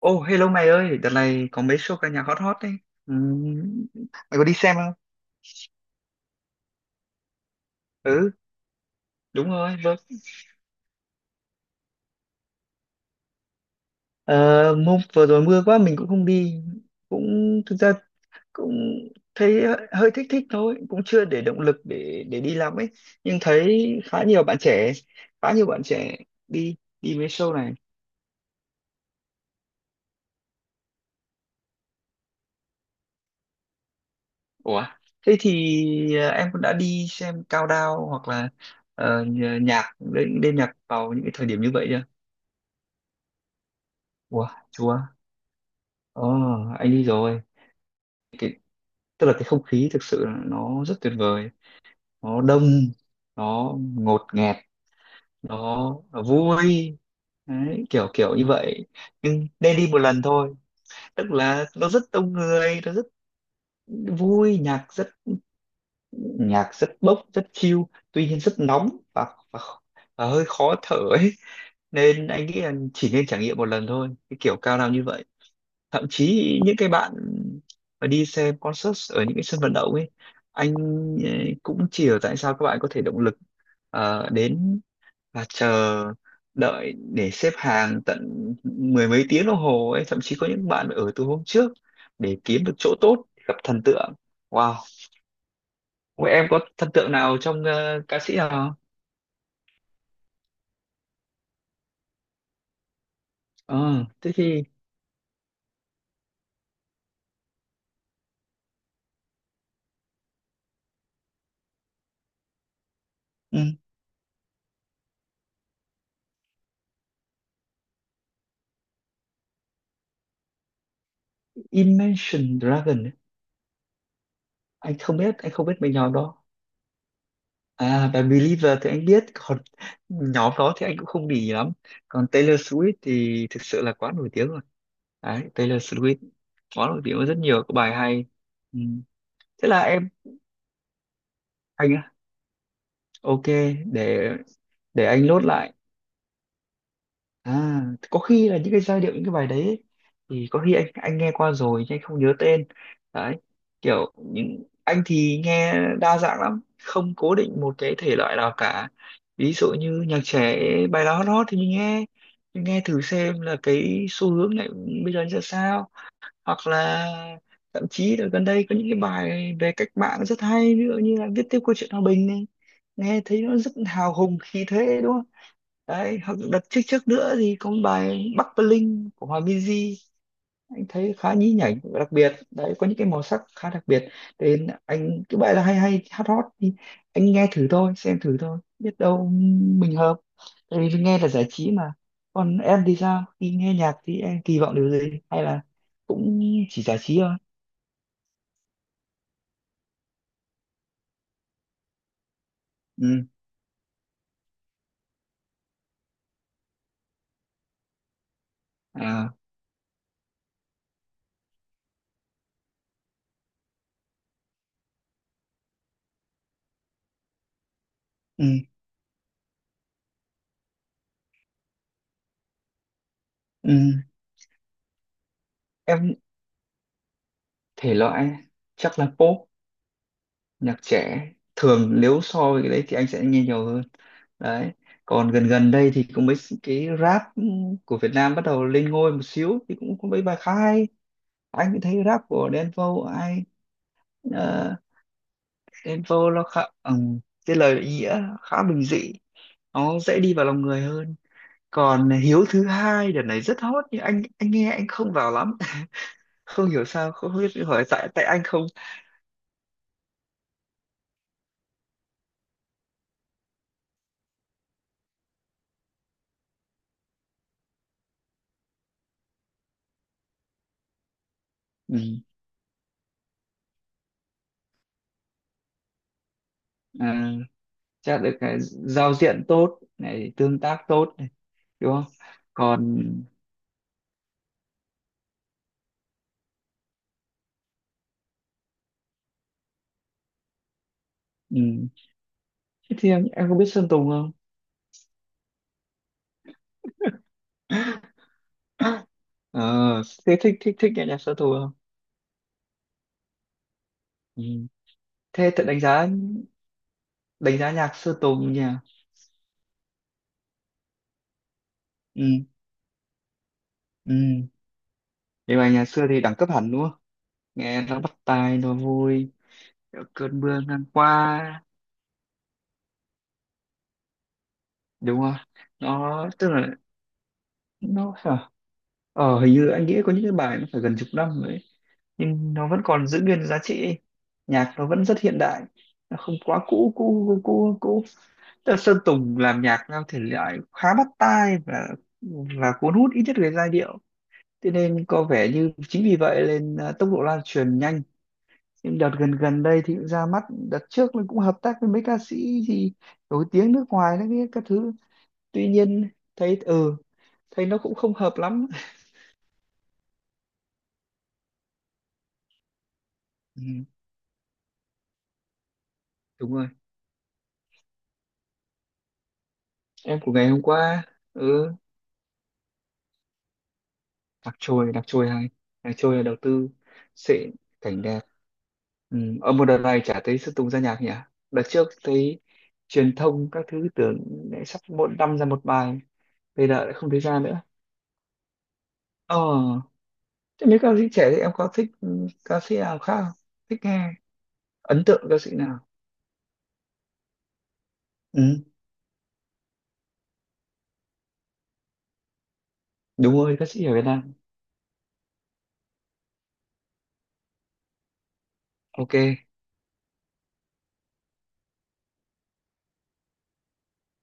Ô, hello mày ơi, đợt này có mấy show ca nhạc hot hot đấy. Ừ, mày có đi xem không? Ừ, đúng rồi. Vâng. Ờ, hôm vừa rồi mưa quá mình cũng không đi. Cũng thực ra cũng thấy hơi hơi thích thích thôi, cũng chưa để động lực để đi lắm ấy. Nhưng thấy khá nhiều bạn trẻ, khá nhiều bạn trẻ đi đi mấy show này. Ủa, thế thì em cũng đã đi xem Cao Đao hoặc là ờ, nhạc đêm đêm nhạc vào những cái thời điểm như vậy chưa? Ủa, chúa. Ờ, anh đi rồi. Cái, tức là cái không khí thực sự là nó rất tuyệt vời. Nó đông, nó ngột ngẹt, nó, nó vui. Đấy, kiểu kiểu như vậy. Nhưng nên đi một lần thôi. Tức là nó rất đông người, nó rất vui, nhạc rất bốc, rất chill. Tuy nhiên rất nóng và, và hơi khó thở ấy. Nên anh nghĩ là chỉ nên trải nghiệm một lần thôi. Cái kiểu cao nào như vậy. Thậm chí những cái bạn mà đi xem concert ở những cái sân vận động ấy anh cũng chỉ hiểu tại sao các bạn có thể động lực đến và chờ đợi để xếp hàng tận mười mấy tiếng đồng hồ ấy, thậm chí có những bạn ở từ hôm trước để kiếm được chỗ tốt gặp thần tượng. Wow, vậy em có thần tượng nào trong ca sĩ nào không? Ờ, thế thì ừ, Imagine Dragon ấy. Anh không biết mấy nhóm đó. À, và Believer thì anh biết, còn nhóm đó thì anh cũng không để ý lắm. Còn Taylor Swift thì thực sự là quá nổi tiếng rồi. Đấy, Taylor Swift quá nổi tiếng có rất nhiều các bài hay. Ừ. Thế là em, anh á, ok, để để anh nốt lại. À, có khi là những cái giai điệu những cái bài đấy ấy, thì có khi anh nghe qua rồi nhưng anh không nhớ tên. Đấy, kiểu những anh thì nghe đa dạng lắm, không cố định một cái thể loại nào cả. Ví dụ như nhạc trẻ bài nào hot hot thì mình nghe thử xem là cái xu hướng này bây giờ như ra sao, hoặc là thậm chí là gần đây có những cái bài về cách mạng rất hay, ví dụ như là viết tiếp câu chuyện hòa bình này, nghe thấy nó rất hào hùng khí thế đúng không. Đấy hoặc đợt trước trước nữa thì có một bài Bắc Bling của Hòa Minzy, anh thấy khá nhí nhảnh đặc biệt, đấy có những cái màu sắc khá đặc biệt, nên anh cứ vậy là hay hay hát hot thì anh nghe thử thôi xem thử thôi biết đâu mình hợp, tại vì nghe là giải trí mà. Còn em thì sao, khi nghe nhạc thì em kỳ vọng điều gì hay là cũng chỉ giải trí thôi. Ừ, à, ừ, ừ, em thể loại chắc là pop, nhạc trẻ thường nếu so với cái đấy thì anh sẽ nghe nhiều hơn. Đấy, còn gần gần đây thì cũng mấy cái rap của Việt Nam bắt đầu lên ngôi một xíu thì cũng có mấy bài khá hay. Anh cũng thấy rap của Đen Vâu ai, ờ, Đen Vâu nó khá cái lời nghĩa khá bình dị, nó dễ đi vào lòng người hơn. Còn Hiếu thứ hai đợt này rất hot nhưng anh nghe anh không vào lắm không hiểu sao không biết hỏi tại tại anh không ừ. À, chắc được cái giao diện tốt này tương tác tốt này đúng không. Còn ừ. Thế thì em có biết Sơn Tùng không? Ờ, thế thích thích thích nghe nhạc Sơn Tùng không? Ừ. Thế tự đánh giá, đánh giá nhạc Sơn Tùng nhỉ? Ừ, ừ. Nhưng mà nhà xưa thì đẳng cấp hẳn đúng không? Nghe nó bắt tai, nó vui, cơn mưa ngang qua, đúng không? Nó tức là nó ờ, hình như anh nghĩ có những cái bài nó phải gần chục năm nhưng nó vẫn còn giữ nguyên giá trị ấy. Nhạc nó vẫn rất hiện đại, nó không quá cũ cũ cũ cũ cũ. Tức là Sơn Tùng làm nhạc theo thể loại khá bắt tai và cuốn hút ít nhất về giai điệu, thế nên có vẻ như chính vì vậy nên à, tốc độ lan truyền nhanh. Nhưng đợt gần gần đây thì cũng ra mắt, đợt trước mình cũng hợp tác với mấy ca sĩ gì nổi tiếng nước ngoài đấy biết các thứ, tuy nhiên thấy ừ thấy nó cũng không hợp lắm. Ừ, đúng rồi, em của ngày hôm qua ừ, đặc trôi hay, đặc trôi là đầu tư xịn, cảnh đẹp. Ừ. Ở một đợt này chả thấy Sơn Tùng ra nhạc nhỉ, đợt trước thấy truyền thông các thứ tưởng lại sắp mỗi năm ra một bài, bây giờ lại không thấy ra nữa. Ờ, thế mấy ca sĩ trẻ thì em có thích ừ, ca sĩ nào khác không? Thích nghe, ấn tượng ca sĩ nào. Ừ. Đúng rồi, ca sĩ ở Việt Nam. Ok.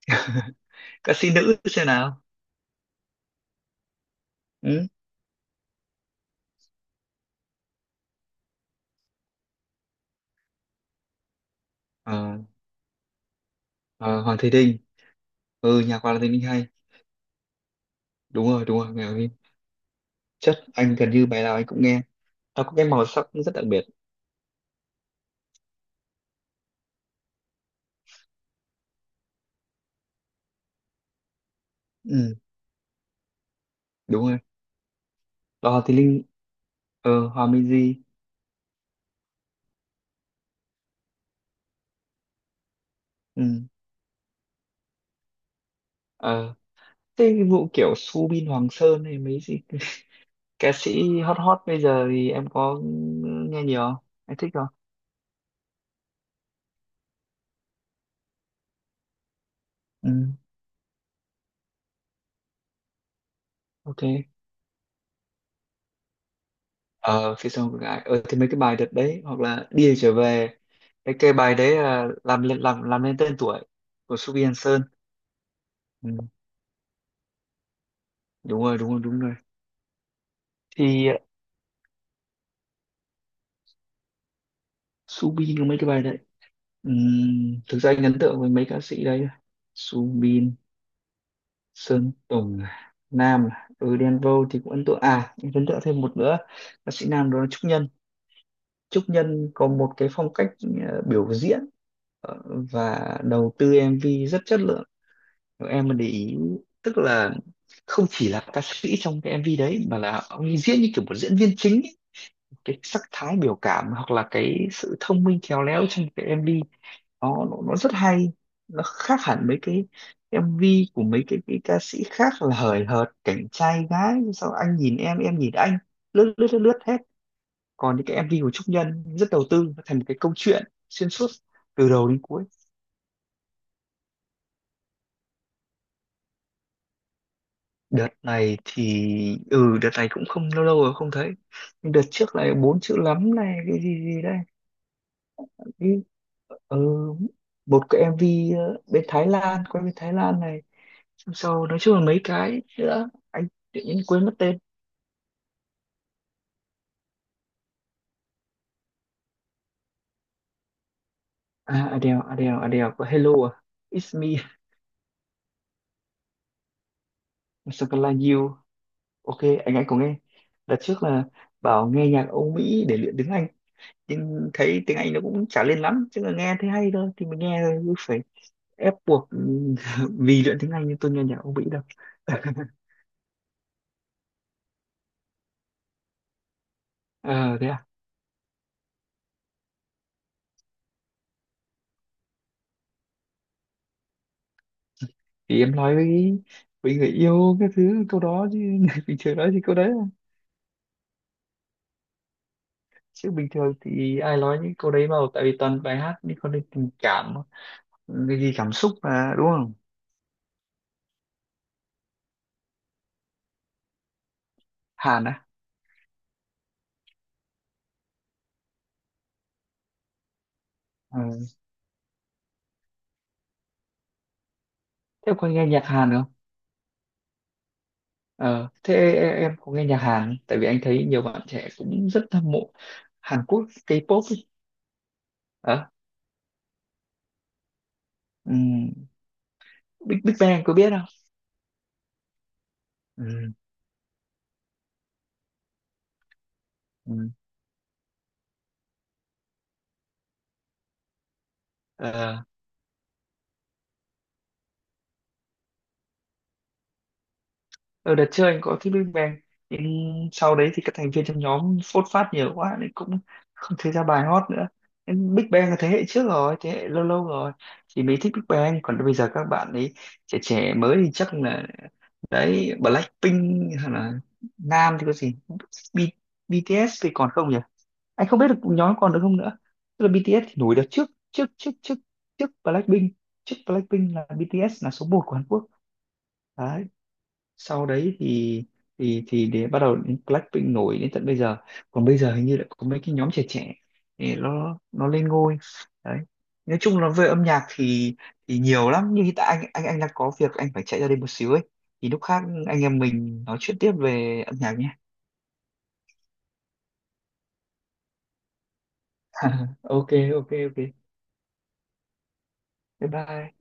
Ca sĩ nữ xem nào. Ừ. Ờ, ờ, Hoàng Thùy Linh. Ừ, nhạc Hoàng Thùy Linh hay, đúng rồi, đúng rồi, nghe Hoàng Thùy Linh chất, anh gần như bài nào anh cũng nghe, nó có cái màu sắc rất đặc biệt. Ừ, đúng rồi. Lò thì Linh, ờ, Hòa Minzy. Ừ. Ờ, thế cái vụ kiểu Subin Hoàng Sơn hay mấy gì, ca sĩ hot hot bây giờ thì em có nghe nhiều không, em thích không. Ừ. Ok. Ờ, phía sau của gái, ờ thì mấy cái bài đợt đấy hoặc là đi Để trở về, cái bài đấy là làm lên làm lên tên tuổi của Subin Hoàng Sơn. Ừ, đúng rồi, đúng rồi, đúng rồi thì Subin có mấy cái bài đấy. Thực ra anh ấn tượng với mấy ca sĩ đấy: Subin, Sơn Tùng, Nam, ừ Đen Vâu thì cũng ấn tượng. À em ấn tượng thêm một nữa ca sĩ nam đó là Trúc Nhân. Trúc Nhân có một cái phong cách ờ, biểu diễn ờ, và đầu tư MV rất chất lượng. Nếu em mà để ý tức là không chỉ là ca sĩ trong cái MV đấy mà là ông ấy diễn như kiểu một diễn viên chính, cái sắc thái biểu cảm hoặc là cái sự thông minh khéo léo trong cái MV nó rất hay, nó khác hẳn mấy cái MV của mấy cái ca sĩ khác là hời hợt cảnh trai gái sao anh nhìn em nhìn anh lướt lướt lướt lướt hết. Còn những cái MV của Trúc Nhân rất đầu tư, nó thành một cái câu chuyện xuyên suốt từ đầu đến cuối. Đợt này thì ừ đợt này cũng không, lâu lâu rồi không thấy. Nhưng đợt trước này bốn chữ lắm này cái gì gì đây, cái ừ, một cái MV ờ, bên Thái Lan quay bên Thái Lan này, xong sau nói chung là mấy cái nữa anh tự nhiên quên mất tên. À Adele, Adele có Hello à, It's me, Something like you, ok, anh có nghe. Đợt trước là bảo nghe nhạc Âu Mỹ để luyện tiếng Anh nhưng thấy tiếng Anh nó cũng chả lên lắm, chứ là nghe thấy hay thôi thì mình nghe thôi chứ phải ép buộc. Vì luyện tiếng Anh nhưng tôi nghe nhạc Âu Mỹ đâu. Ờ, thế thì em nói với người yêu cái thứ câu đó chứ. Bình thường nói thì câu đấy à. Chứ bình thường thì ai nói những câu đấy đâu, tại vì toàn bài hát, nhưng còn đây tình cảm cái gì cảm xúc mà đúng không. Hàn á. Ờ. Thế có nghe nhạc Hàn không. Ờ. Thế em có nghe nhạc Hàn không? Tại vì anh thấy nhiều bạn trẻ cũng rất hâm mộ Hàn Quốc K-pop ấy. Ờ. Ừ. Big Big Bang có biết không. Ừ. Ừ. Ờ, ở đợt trước anh có thích Big Bang nhưng sau đấy thì các thành viên trong nhóm phốt phát nhiều quá nên cũng không thấy ra bài hot nữa, nên Big Bang là thế hệ trước rồi, thế hệ lâu lâu rồi thì mới thích Big Bang. Còn bây giờ các bạn ấy trẻ trẻ mới thì chắc là đấy Blackpink hay là Nam thì có gì, B, BTS thì còn không nhỉ, anh không biết được nhóm còn được không nữa. Tức là BTS thì nổi đợt trước trước trước trước, trước Blackpink, trước Blackpink là BTS là số một của Hàn Quốc. Đấy sau đấy thì thì để bắt đầu đến Blackpink nổi đến tận bây giờ. Còn bây giờ hình như lại có mấy cái nhóm trẻ trẻ để nó lên ngôi. Đấy, nói chung là về âm nhạc thì nhiều lắm nhưng hiện tại anh đang có việc anh phải chạy ra đây một xíu ấy, thì lúc khác anh em mình nói chuyện tiếp về âm nhạc nhé. Ok, ok, bye bye.